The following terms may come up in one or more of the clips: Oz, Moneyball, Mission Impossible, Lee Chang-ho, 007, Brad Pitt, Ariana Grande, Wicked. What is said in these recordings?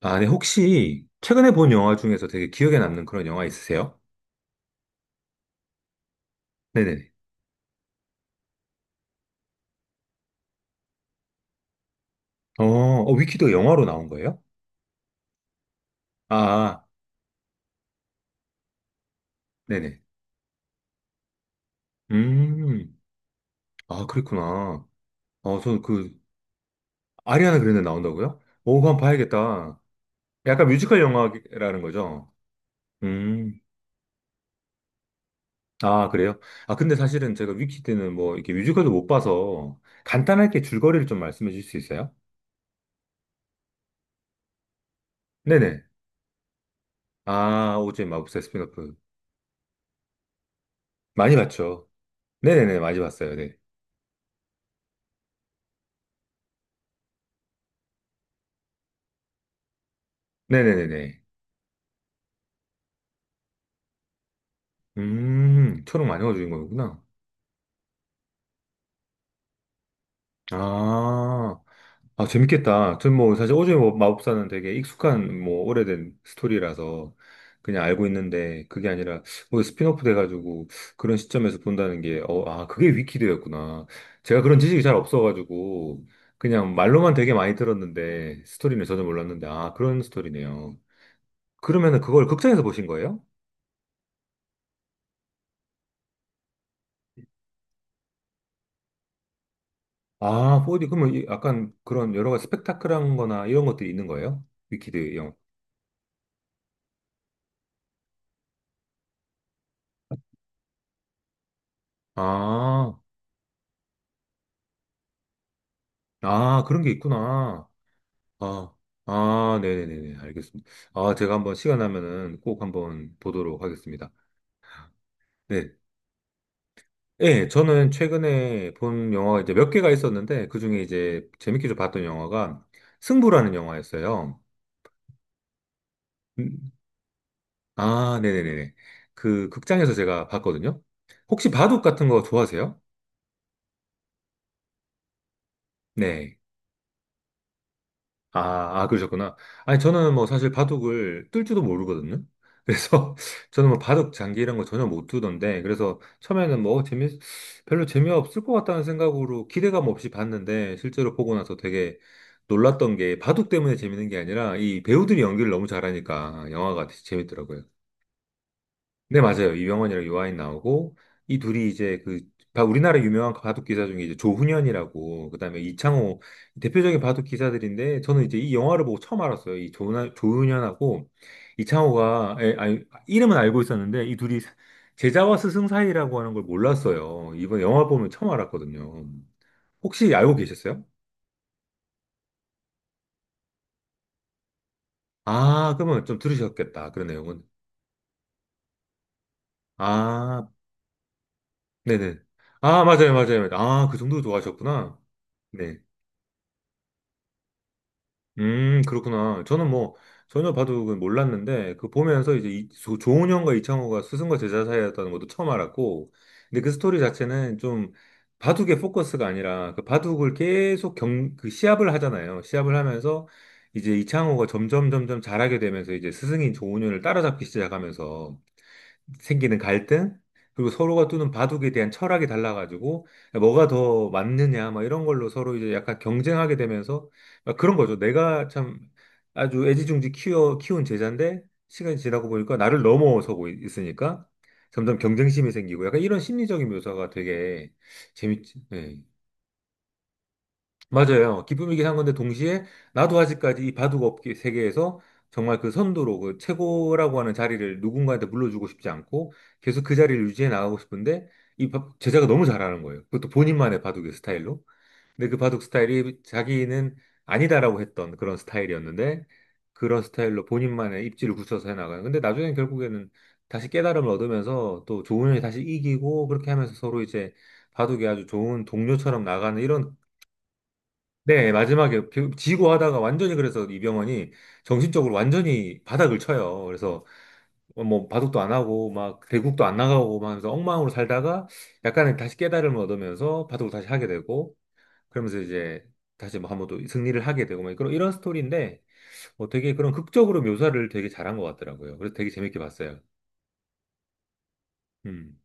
아, 네, 혹시 최근에 본 영화 중에서 되게 기억에 남는 그런 영화 있으세요? 네네네. 위키도 영화로 나온 거예요? 아, 아, 아. 네네. 음, 아, 그랬구나. 어, 저 그, 아리아나 그랜데 나온다고요? 오, 그거 한번 봐야겠다. 약간 뮤지컬 영화라는 거죠? 음, 아, 그래요? 아, 근데 사실은 제가 위키 때는 뭐, 이렇게 뮤지컬도 못 봐서 간단하게 줄거리를 좀 말씀해 주실 수 있어요? 네네. 아, 오즈의 마법사 스피노프. 많이 봤죠? 네네네, 많이 봤어요. 네. 네네네네. 초록 마녀가 주인 거구나. 아, 아, 재밌겠다. 전 뭐, 사실 오즈의 마법사는 되게 익숙한, 뭐, 오래된 스토리라서 그냥 알고 있는데, 그게 아니라, 뭐, 스핀오프 돼가지고 그런 시점에서 본다는 게, 그게 위키드였구나. 제가 그런 지식이 잘 없어가지고, 그냥 말로만 되게 많이 들었는데, 스토리는 전혀 몰랐는데, 아, 그런 스토리네요. 그러면은 그걸 극장에서 보신 거예요? 아, 4D 그러면 약간 그런 여러 가지 스펙타클한 거나 이런 것들이 있는 거예요? 위키드 영화. 아, 아, 그런 게 있구나. 아, 아, 네네네네. 알겠습니다. 아, 제가 한번 시간 나면은 꼭 한번 보도록 하겠습니다. 네. 예, 저는 최근에 본 영화가 이제 몇 개가 있었는데, 그 중에 이제 재밌게 좀 봤던 영화가 승부라는 영화였어요. 음, 아, 네네네네. 그 극장에서 제가 봤거든요. 혹시 바둑 같은 거 좋아하세요? 네. 아, 아, 그러셨구나. 아니, 저는 뭐 사실 바둑을 뜰 줄도 모르거든요. 그래서 저는 뭐 바둑 장기 이런 거 전혀 못 두던데, 그래서 처음에는 별로 재미없을 것 같다는 생각으로 기대감 없이 봤는데, 실제로 보고 나서 되게 놀랐던 게 바둑 때문에 재밌는 게 아니라 이 배우들이 연기를 너무 잘하니까 영화가 되게 재밌더라고요. 네, 맞아요. 이병헌이랑 요하인 나오고, 이 둘이 이제 그, 바- 우리나라 유명한 바둑 기사 중에 이제 조훈현이라고, 그 다음에 이창호, 대표적인 바둑 기사들인데, 저는 이제 이 영화를 보고 처음 알았어요. 이 조훈현하고 이창호가, 에, 아니, 이름은 알고 있었는데, 제자와 스승 사이라고 하는 걸 몰랐어요. 이번 영화 보면 처음 알았거든요. 혹시 알고 계셨어요? 아, 그러면 좀 들으셨겠다. 그런 내용은. 아, 네네. 아, 맞아요, 맞아요. 맞아요. 아, 그 정도로 좋아하셨구나. 네. 그렇구나. 저는 뭐 전혀 바둑은 몰랐는데 그 보면서 조은현과 이창호가 스승과 제자 사이였다는 것도 처음 알았고 근데 그 스토리 자체는 좀 바둑의 포커스가 아니라 그 바둑을 그 시합을 하잖아요. 시합을 하면서 이제 이창호가 점점 점점 잘하게 되면서 이제 스승인 조은현을 따라잡기 시작하면서 생기는 갈등, 그리고 서로가 두는 바둑에 대한 철학이 달라가지고 뭐가 더 맞느냐, 막 이런 걸로 서로 이제 약간 경쟁하게 되면서 막 그런 거죠. 내가 참 아주 애지중지 키워 키운 제자인데 시간이 지나고 보니까 나를 있으니까 점점 경쟁심이 생기고 약간 이런 심리적인 묘사가 되게 재밌지. 예. 맞아요. 기쁨이긴 한 건데 동시에 나도 아직까지 이 바둑업계 세계에서 정말 그 선두로 그 최고라고 하는 자리를 누군가한테 물려주고 싶지 않고 계속 그 자리를 유지해 나가고 싶은데 제자가 너무 잘하는 거예요. 그것도 본인만의 바둑의 스타일로. 근데 그 바둑 스타일이 자기는 아니다라고 했던 그런 스타일이었는데 그런 스타일로 본인만의 입지를 굳혀서 해나가는. 근데 나중에 결국에는 다시 깨달음을 얻으면서 또 좋은 형이 다시 이기고 그렇게 하면서 서로 이제 바둑이 아주 좋은 동료처럼 나가는 이런. 네, 지고 하다가 완전히 그래서 이병헌이 정신적으로 완전히 바닥을 쳐요. 그래서 뭐 바둑도 안 하고 막 대국도 안 나가고 막 하면서 엉망으로 살다가 약간의 다시 깨달음을 얻으면서 바둑을 다시 하게 되고 그러면서 이제 다시 뭐 한번 또 승리를 하게 되고 막 그런 이런 스토리인데 뭐 되게 그런 극적으로 묘사를 되게 잘한 것 같더라고요. 그래서 되게 재밌게 봤어요. 음.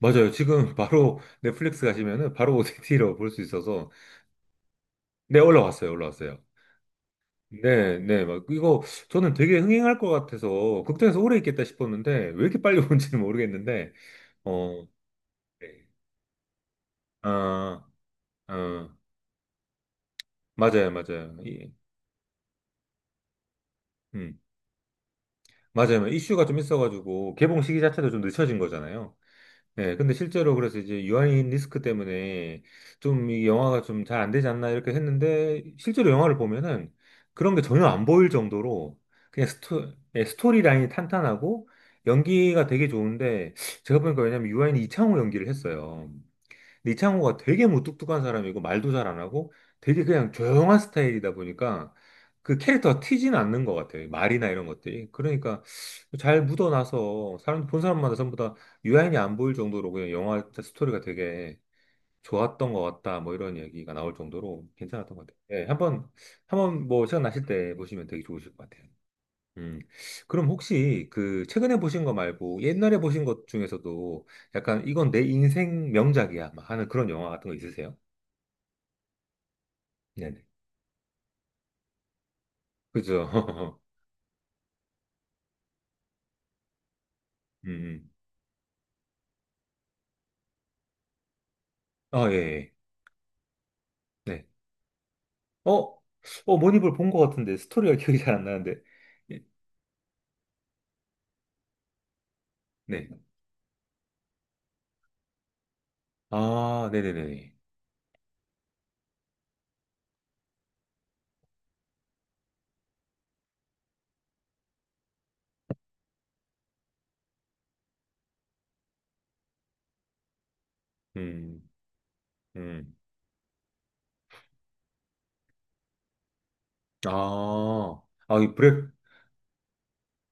맞아요. 지금 바로 넷플릭스 가시면은 바로 오디티로 볼 수 있어서 네, 올라왔어요. 올라왔어요. 네, 네, 막 이거 저는 되게 흥행할 것 같아서 극장에서 오래 있겠다 싶었는데 왜 이렇게 빨리 오는지는 모르겠는데 어, 네. 아, 어, 맞아요, 맞아요. 이, 음, 맞아요. 이슈가 좀 있어가지고 개봉 시기 자체도 좀 늦춰진 거잖아요. 예, 근데 실제로 그래서 이제 유아인 리스크 때문에 좀 이 영화가 좀 잘 안 되지 않나 이렇게 했는데 실제로 영화를 보면은 그런 게 전혀 안 보일 정도로 예, 스토리 라인이 탄탄하고 연기가 되게 좋은데 제가 보니까 왜냐면 유아인이 이창호 연기를 했어요. 근데 이창호가 되게 무뚝뚝한 사람이고 말도 잘 안 하고 되게 그냥 조용한 스타일이다 보니까 그 캐릭터가 튀지는 않는 것 같아요. 말이나 이런 것들이. 그러니까 잘 묻어나서 사람 본 사람마다 전부 다 유아인이 안 보일 정도로 그냥 영화 스토리가 되게 좋았던 것 같다. 뭐 이런 얘기가 나올 정도로 괜찮았던 것 같아요. 한번 뭐 시간 나실 때 보시면 되게 좋으실 것 같아요. 음, 그럼 혹시 그 최근에 보신 거 말고 옛날에 보신 것 중에서도 약간 이건 내 인생 명작이야 막 하는 그런 영화 같은 거 있으세요? 네네. 그죠? 음. 아, 예. 예. 네. 어, 모니볼 본 것 같은데 스토리가 기억이 잘 안 나는데. 예, 네. 아, 네네네. 음, 음. 아, 아, 이 브렉,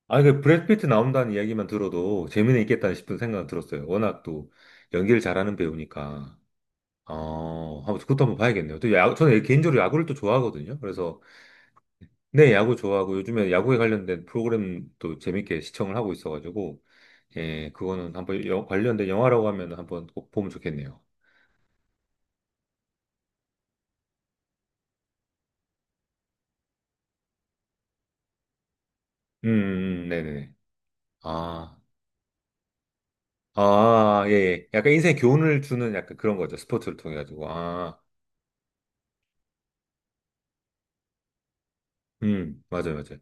아, 그 브래드 피트 나온다는 이야기만 들어도 재미는 있겠다 싶은 생각은 들었어요. 워낙 또 연기를 잘하는 배우니까. 그것도 한번 봐야겠네요. 또 야구, 저는 개인적으로 야구를 또 좋아하거든요. 그래서, 네, 야구 좋아하고, 요즘에 야구에 관련된 프로그램도 재밌게 시청을 하고 있어가지고, 관련된 영화라고 하면 한번 꼭 보면 좋겠네요. 네네네. 아, 아, 예, 예. 약간 인생에 교훈을 주는 약간 그런 거죠. 스포츠를 통해가지고. 아, 맞아요, 맞아요.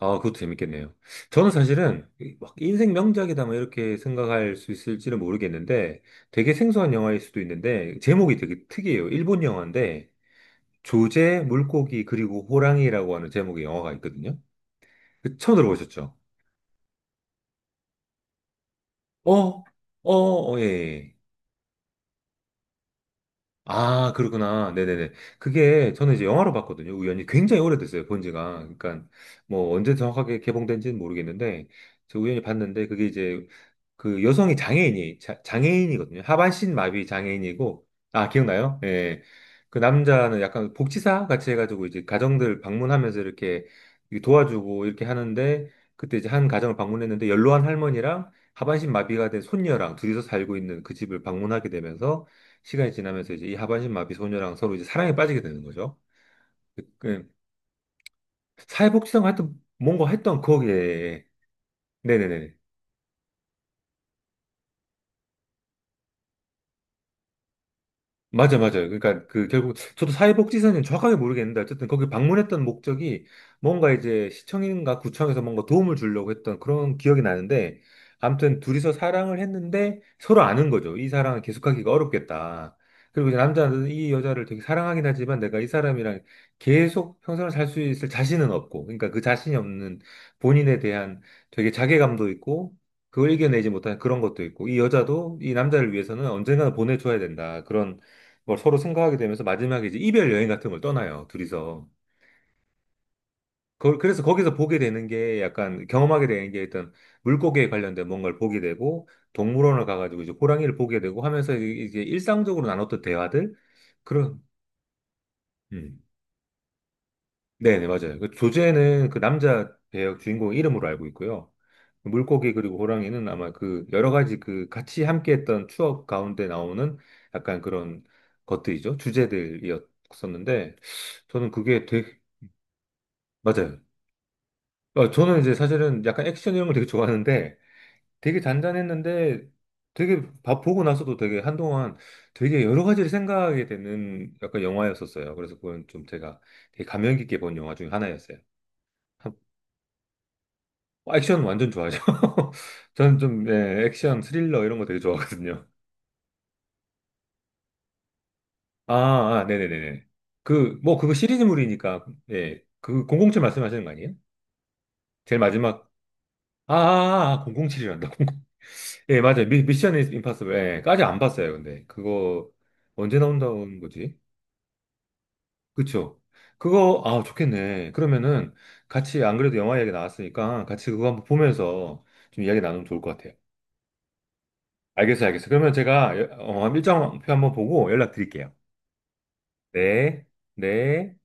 아, 그것도 재밌겠네요. 저는 사실은 막 인생 명작이다 뭐 이렇게 생각할 수 있을지는 모르겠는데 되게 생소한 영화일 수도 있는데 제목이 되게 특이해요. 일본 영화인데 조제, 물고기 그리고 호랑이라고 하는 제목의 영화가 있거든요. 그 처음 들어보셨죠? 어, 예. 예. 아, 그렇구나. 네네네. 그게 저는 이제 영화로 봤거든요. 우연히 굉장히 오래됐어요. 본 지가. 그러니까 뭐 언제 정확하게 개봉된지는 모르겠는데 저 우연히 봤는데 그게 이제 그 여성이 장애인이거든요. 하반신 마비 장애인이고 아 기억나요? 예. 그 남자는 약간 복지사 같이 해가지고 이제 가정들 방문하면서 이렇게 이렇게 도와주고 이렇게 하는데 그때 이제 한 가정을 방문했는데 연로한 할머니랑 하반신 마비가 된 손녀랑 둘이서 살고 있는 그 집을 방문하게 되면서 시간이 지나면서 이제 이 하반신 마비 소녀랑 서로 이제 사랑에 빠지게 되는 거죠. 그 사회복지사가 하여튼 뭔가 했던 거기에 네네네 맞아요. 그러니까 그 결국 저도 사회복지사는 정확하게 모르겠는데 어쨌든 거기 방문했던 목적이 뭔가 이제 시청인가 구청에서 뭔가 도움을 주려고 했던 그런 기억이 나는데 아무튼 둘이서 사랑을 했는데 서로 아는 거죠. 이 사랑을 계속하기가 어렵겠다. 그리고 이제 남자는 이 여자를 되게 사랑하긴 하지만 내가 이 사람이랑 계속 평생을 살 수 있을 자신은 없고 그러니까 그 자신이 없는 본인에 대한 되게 자괴감도 있고 그걸 이겨내지 못하는 그런 것도 있고 이 여자도 이 남자를 위해서는 언젠가는 보내줘야 된다. 그런 걸 서로 생각하게 되면서 마지막에 이제 이별 여행 같은 걸 떠나요, 둘이서. 그래서 거기서 보게 되는 게 약간 경험하게 되는 게 일단 물고기에 관련된 뭔가를 보게 되고 동물원을 가가지고 이제 호랑이를 보게 되고 하면서 이제 일상적으로 나눴던 대화들 그런. 음. 네네 맞아요. 그 조제는 그 남자 배역 주인공 이름으로 알고 있고요. 물고기 그리고 호랑이는 아마 그 여러 가지 그 같이 함께했던 추억 가운데 나오는 약간 그런 것들이죠. 주제들이었었는데 저는 그게 되게 맞아요. 어, 저는 이제 사실은 약간 액션 이런 걸 되게 좋아하는데 되게 잔잔했는데 되게 밥 보고 나서도 되게 한동안 되게 여러 가지를 생각하게 되는 약간 영화였었어요. 그래서 그건 좀 제가 되게 감명 깊게 본 영화 중에 하나였어요. 한- 액션 완전 좋아하죠. 저는 좀 예, 액션 스릴러 이런 거 되게 좋아하거든요. 아, 아, 네네네네. 그 뭐 그거 시리즈물이니까 예, 그 007 말씀하시는 거 아니에요? 제일 마지막 아, 아, 아 007이란다. 예, 맞아요. 미션 임파서블. 예, 까지 안 봤어요, 근데. 그거 언제 나온다는 거지? 그쵸? 그거, 아, 좋겠네. 그러면은 같이 안 그래도 영화 이야기 나왔으니까 같이 그거 한번 보면서 좀 이야기 나누면 좋을 것 같아요. 알겠어요, 알겠어요. 그러면 제가 일정표 한번 보고 연락드릴게요. 네, 네.